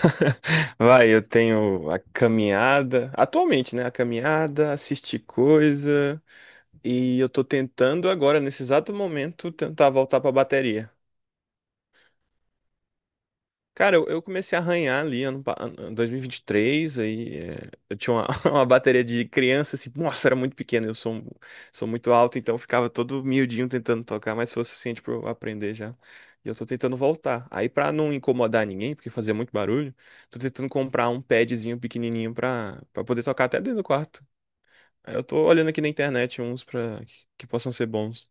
Vai, eu tenho a caminhada, atualmente, né? A caminhada, assistir coisa, e eu tô tentando agora, nesse exato momento, tentar voltar pra bateria. Cara, eu comecei a arranhar ali ano 2023, eu tinha uma, uma bateria de criança, assim, nossa, era muito pequena, sou muito alto, então eu ficava todo miudinho tentando tocar, mas foi o suficiente pra eu aprender já. E eu tô tentando voltar. Aí pra não incomodar ninguém, porque fazia muito barulho, tô tentando comprar um padzinho pequenininho pra poder tocar até dentro do quarto. Aí eu tô olhando aqui na internet uns que possam ser bons.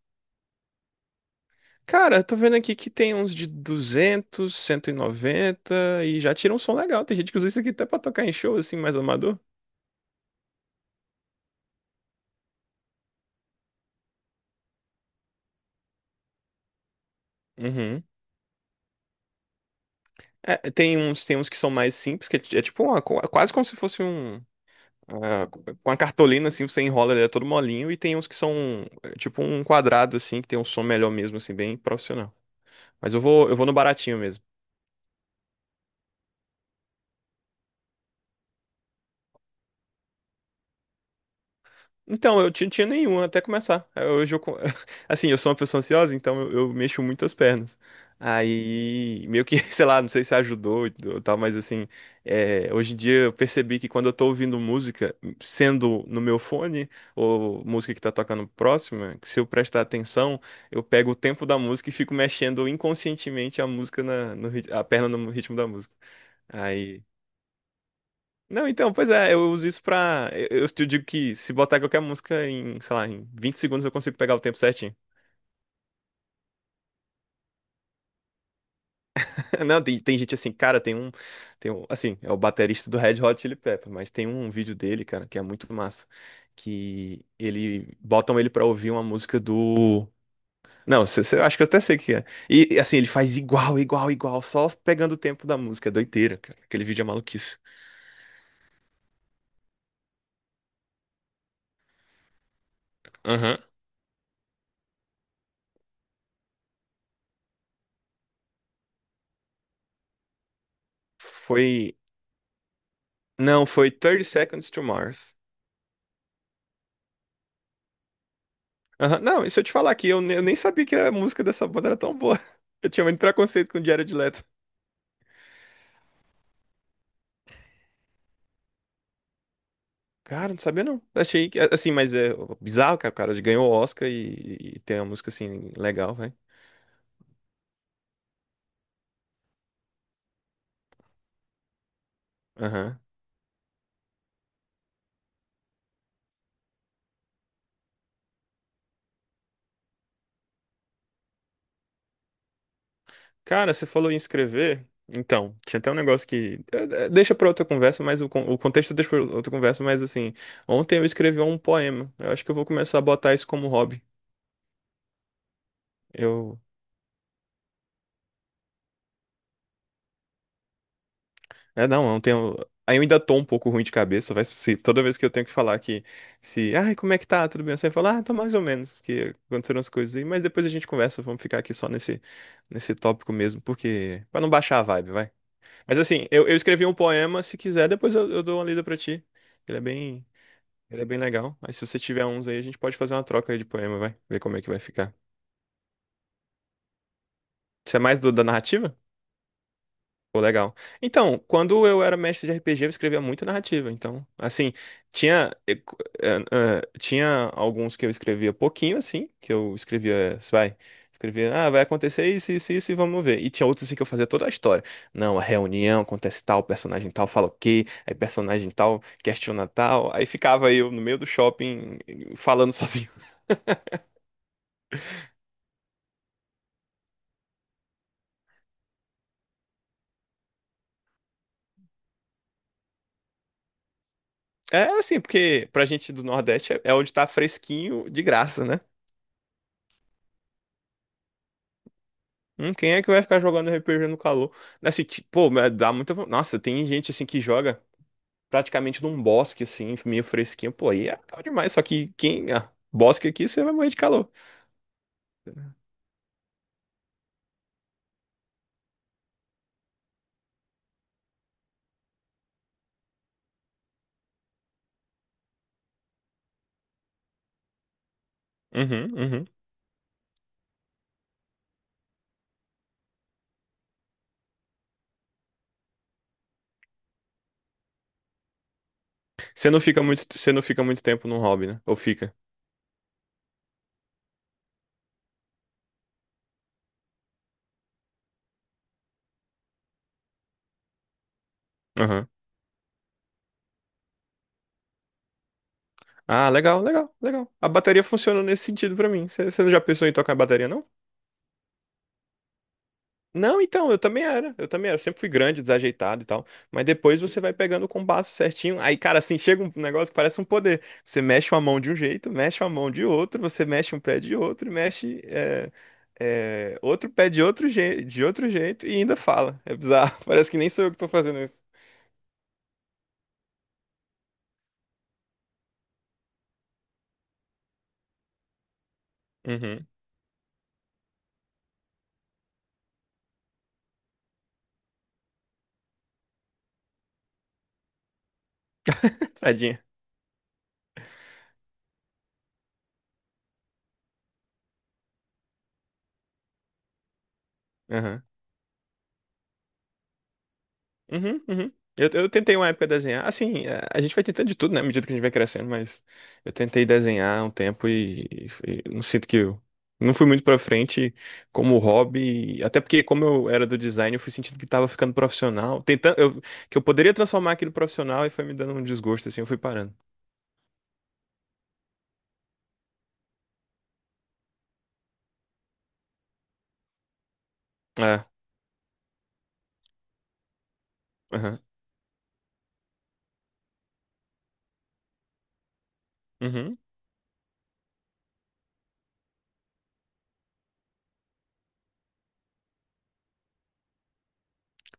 Cara, eu tô vendo aqui que tem uns de 200, 190 e noventa e já tira um som legal. Tem gente que usa isso aqui até pra tocar em show, assim, mais amador. Uhum. Tem uns que são mais simples, é tipo uma, quase como se fosse um. ah, com a cartolina, assim, você enrola, ele é todo molinho. E tem uns que são tipo um quadrado, assim, que tem um som melhor mesmo, assim, bem profissional. Mas eu vou no baratinho mesmo. Então, eu tinha, tinha nenhum até começar. Aí hoje assim, eu sou uma pessoa ansiosa, então eu mexo muito as pernas. Aí, meio que, sei lá, não sei se ajudou e ou tal, mas assim, hoje em dia eu percebi que quando eu tô ouvindo música, sendo no meu fone, ou música que tá tocando próxima, que se eu prestar atenção, eu pego o tempo da música e fico mexendo inconscientemente a música na, no, rit- a perna no ritmo da música. Aí não, então, pois é, eu uso isso pra. Eu te digo que se botar qualquer música sei lá, em 20 segundos eu consigo pegar o tempo certinho. Não, tem, tem gente assim, cara, tem um. Assim, é o baterista do Red Hot Chili Peppers, mas tem um vídeo dele, cara, que é muito massa. Que ele. Botam ele pra ouvir uma música do. Não, eu acho que eu até sei o que é. E assim, ele faz igual, igual, igual, só pegando o tempo da música. É doideira, cara. Aquele vídeo é maluquice. Aham. Foi. Não, foi Thirty Seconds to Mars. Aham. Não, e se eu te falar aqui, eu nem sabia que a música dessa banda era tão boa. Eu tinha muito preconceito com o Jared Leto. Cara, não sabia não. Achei que, assim, mas é bizarro que o cara ganhou o Oscar e tem uma música assim legal, vai. Aham. Cara, você falou em escrever. Então, tinha até um negócio que. Deixa pra outra conversa, mas o contexto deixa pra outra conversa, mas assim. Ontem eu escrevi um poema. Eu acho que eu vou começar a botar isso como hobby. Eu é, não, eu não tenho. Aí eu ainda tô um pouco ruim de cabeça, vai se toda vez que eu tenho que falar que se, ai, como é que tá? Tudo bem? Você fala, ah, tô mais ou menos, que aconteceram as coisas aí, mas depois a gente conversa, vamos ficar aqui só nesse tópico mesmo, porque pra não baixar a vibe, vai. Mas assim, eu escrevi um poema, se quiser, eu dou uma lida pra ti. Ele é bem, ele é bem legal. Mas se você tiver uns aí, a gente pode fazer uma troca aí de poema, vai. Ver como é que vai ficar. Você é mais do da narrativa? Pô, legal. Então, quando eu era mestre de RPG, eu escrevia muita narrativa. Então, assim, tinha, eh, tinha alguns que eu escrevia pouquinho, assim, que eu escrevia, vai, escrevia, ah, vai acontecer isso, isso, isso, e vamos ver. E tinha outros, assim, que eu fazia toda a história. Não, a reunião, acontece tal, personagem tal, fala o quê, aí personagem tal, questiona tal. Aí ficava eu no meio do shopping falando sozinho. É assim, porque pra gente do Nordeste é onde tá fresquinho de graça, né? Quem é que vai ficar jogando RPG no calor? Assim, pô, mas dá muita. Nossa, tem gente assim que joga praticamente num bosque, assim, meio fresquinho. Pô, aí é calor demais. Só que quem. Ah, bosque aqui, você vai morrer de calor. Uhum, uhum. Você não fica muito tempo num hobby, né? Ou fica? Aham. Ah, legal, legal, legal. A bateria funciona nesse sentido pra mim. Você não já pensou em tocar bateria, não? Não, então, Eu também era. Eu sempre fui grande, desajeitado e tal. Mas depois você vai pegando o compasso certinho. Aí, cara, assim, chega um negócio que parece um poder. Você mexe uma mão de um jeito, mexe uma mão de outro, você mexe um pé de outro, outro pé de outro jeito e ainda fala. É bizarro. Parece que nem sou eu que tô fazendo isso. Uhum. Tadinha. Uhum, uhum. Eu tentei uma época desenhar. Assim, a gente vai tentando de tudo, né? À medida que a gente vai crescendo, mas eu tentei desenhar um tempo e não sinto que eu não fui muito pra frente como hobby. Até porque, como eu era do design, eu fui sentindo que tava ficando profissional. Que eu poderia transformar aquilo em profissional e foi me dando um desgosto, assim, eu fui parando. É, aham. Uhum.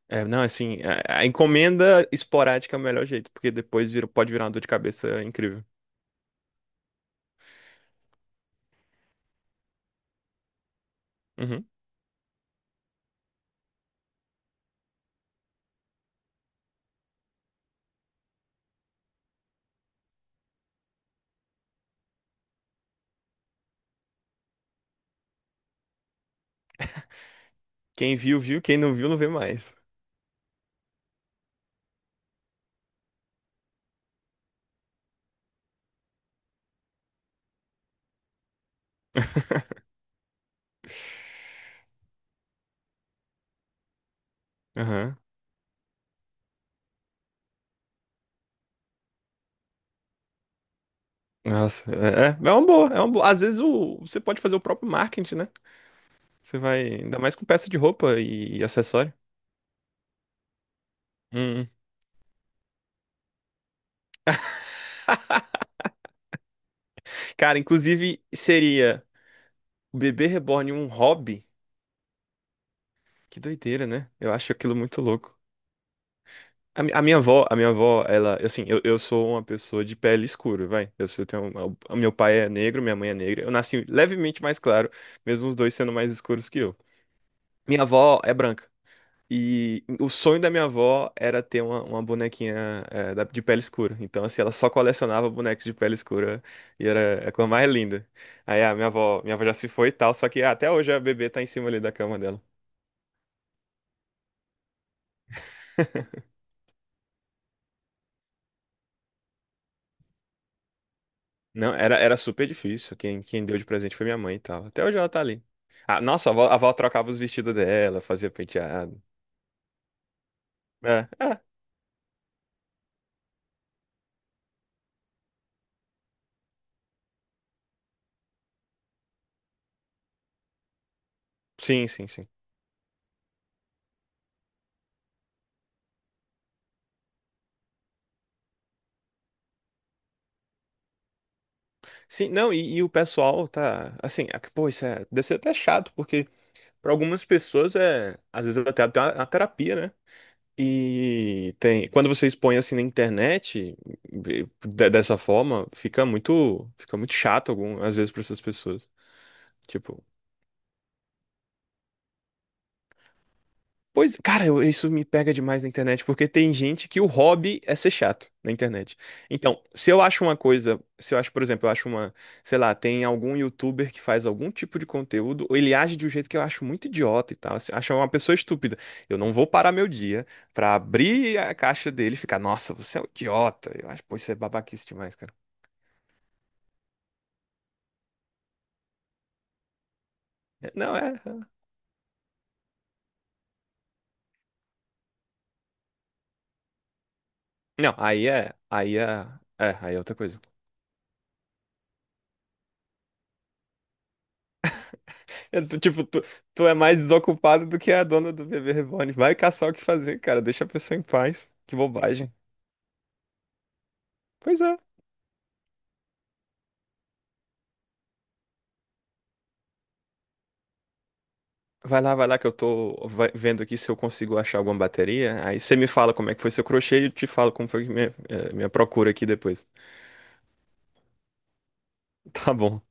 É, não, assim, a encomenda esporádica é o melhor jeito, porque pode virar uma dor de cabeça incrível. Uhum. Quem viu, viu. Quem não viu, não vê mais. Aham. Nossa, é uma boa, é uma boa. Às vezes o, você pode fazer o próprio marketing, né? Você vai, ainda mais com peça de roupa e, acessório. Hum, hum. Cara, inclusive seria o bebê reborn um hobby? Que doideira, né? Eu acho aquilo muito louco. A minha avó, ela, assim, eu sou uma pessoa de pele escura, vai. Eu tenho, o meu pai é negro, minha mãe é negra. Eu nasci levemente mais claro, mesmo os dois sendo mais escuros que eu. Minha avó é branca. E o sonho da minha avó era ter uma bonequinha de pele escura. Então, assim, ela só colecionava bonecos de pele escura e era é a coisa mais linda. Aí minha avó já se foi e tal, só que ah, até hoje a bebê tá em cima ali da cama dela. Não, era, era super difícil. Quem deu de presente foi minha mãe e tal. Até hoje ela tá ali. Ah, nossa, a avó trocava os vestidos dela, fazia penteado. É, é. Sim, sim, sim. Sim, não, e o pessoal tá. Assim, é que, pô, isso é, deve ser até chato, porque. Para algumas pessoas é, às vezes até a terapia, né? E tem, quando você expõe assim na internet, de- dessa forma, fica muito chato algum, às vezes para essas pessoas. Tipo, pois, cara, isso me pega demais na internet, porque tem gente que o hobby é ser chato na internet. Então, se eu acho uma coisa, se eu acho, por exemplo, sei lá, tem algum youtuber que faz algum tipo de conteúdo, ou ele age de um jeito que eu acho muito idiota e tal, assim, acho uma pessoa estúpida. Eu não vou parar meu dia pra abrir a caixa dele e ficar, nossa, você é um idiota. Eu acho, pô, isso é babaquice demais, cara. É, Não, é. é- Não, aí é. Aí é. É, aí é outra coisa. É, tu- tipo, tu é mais desocupado do que a dona do bebê reborn. Vai caçar o que fazer, cara. Deixa a pessoa em paz. Que bobagem. Pois é. Vai lá que eu tô vendo aqui se eu consigo achar alguma bateria. Aí você me fala como é que foi seu crochê e eu te falo como foi minha, minha procura aqui depois. Tá bom.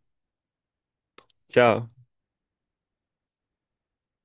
Tchau.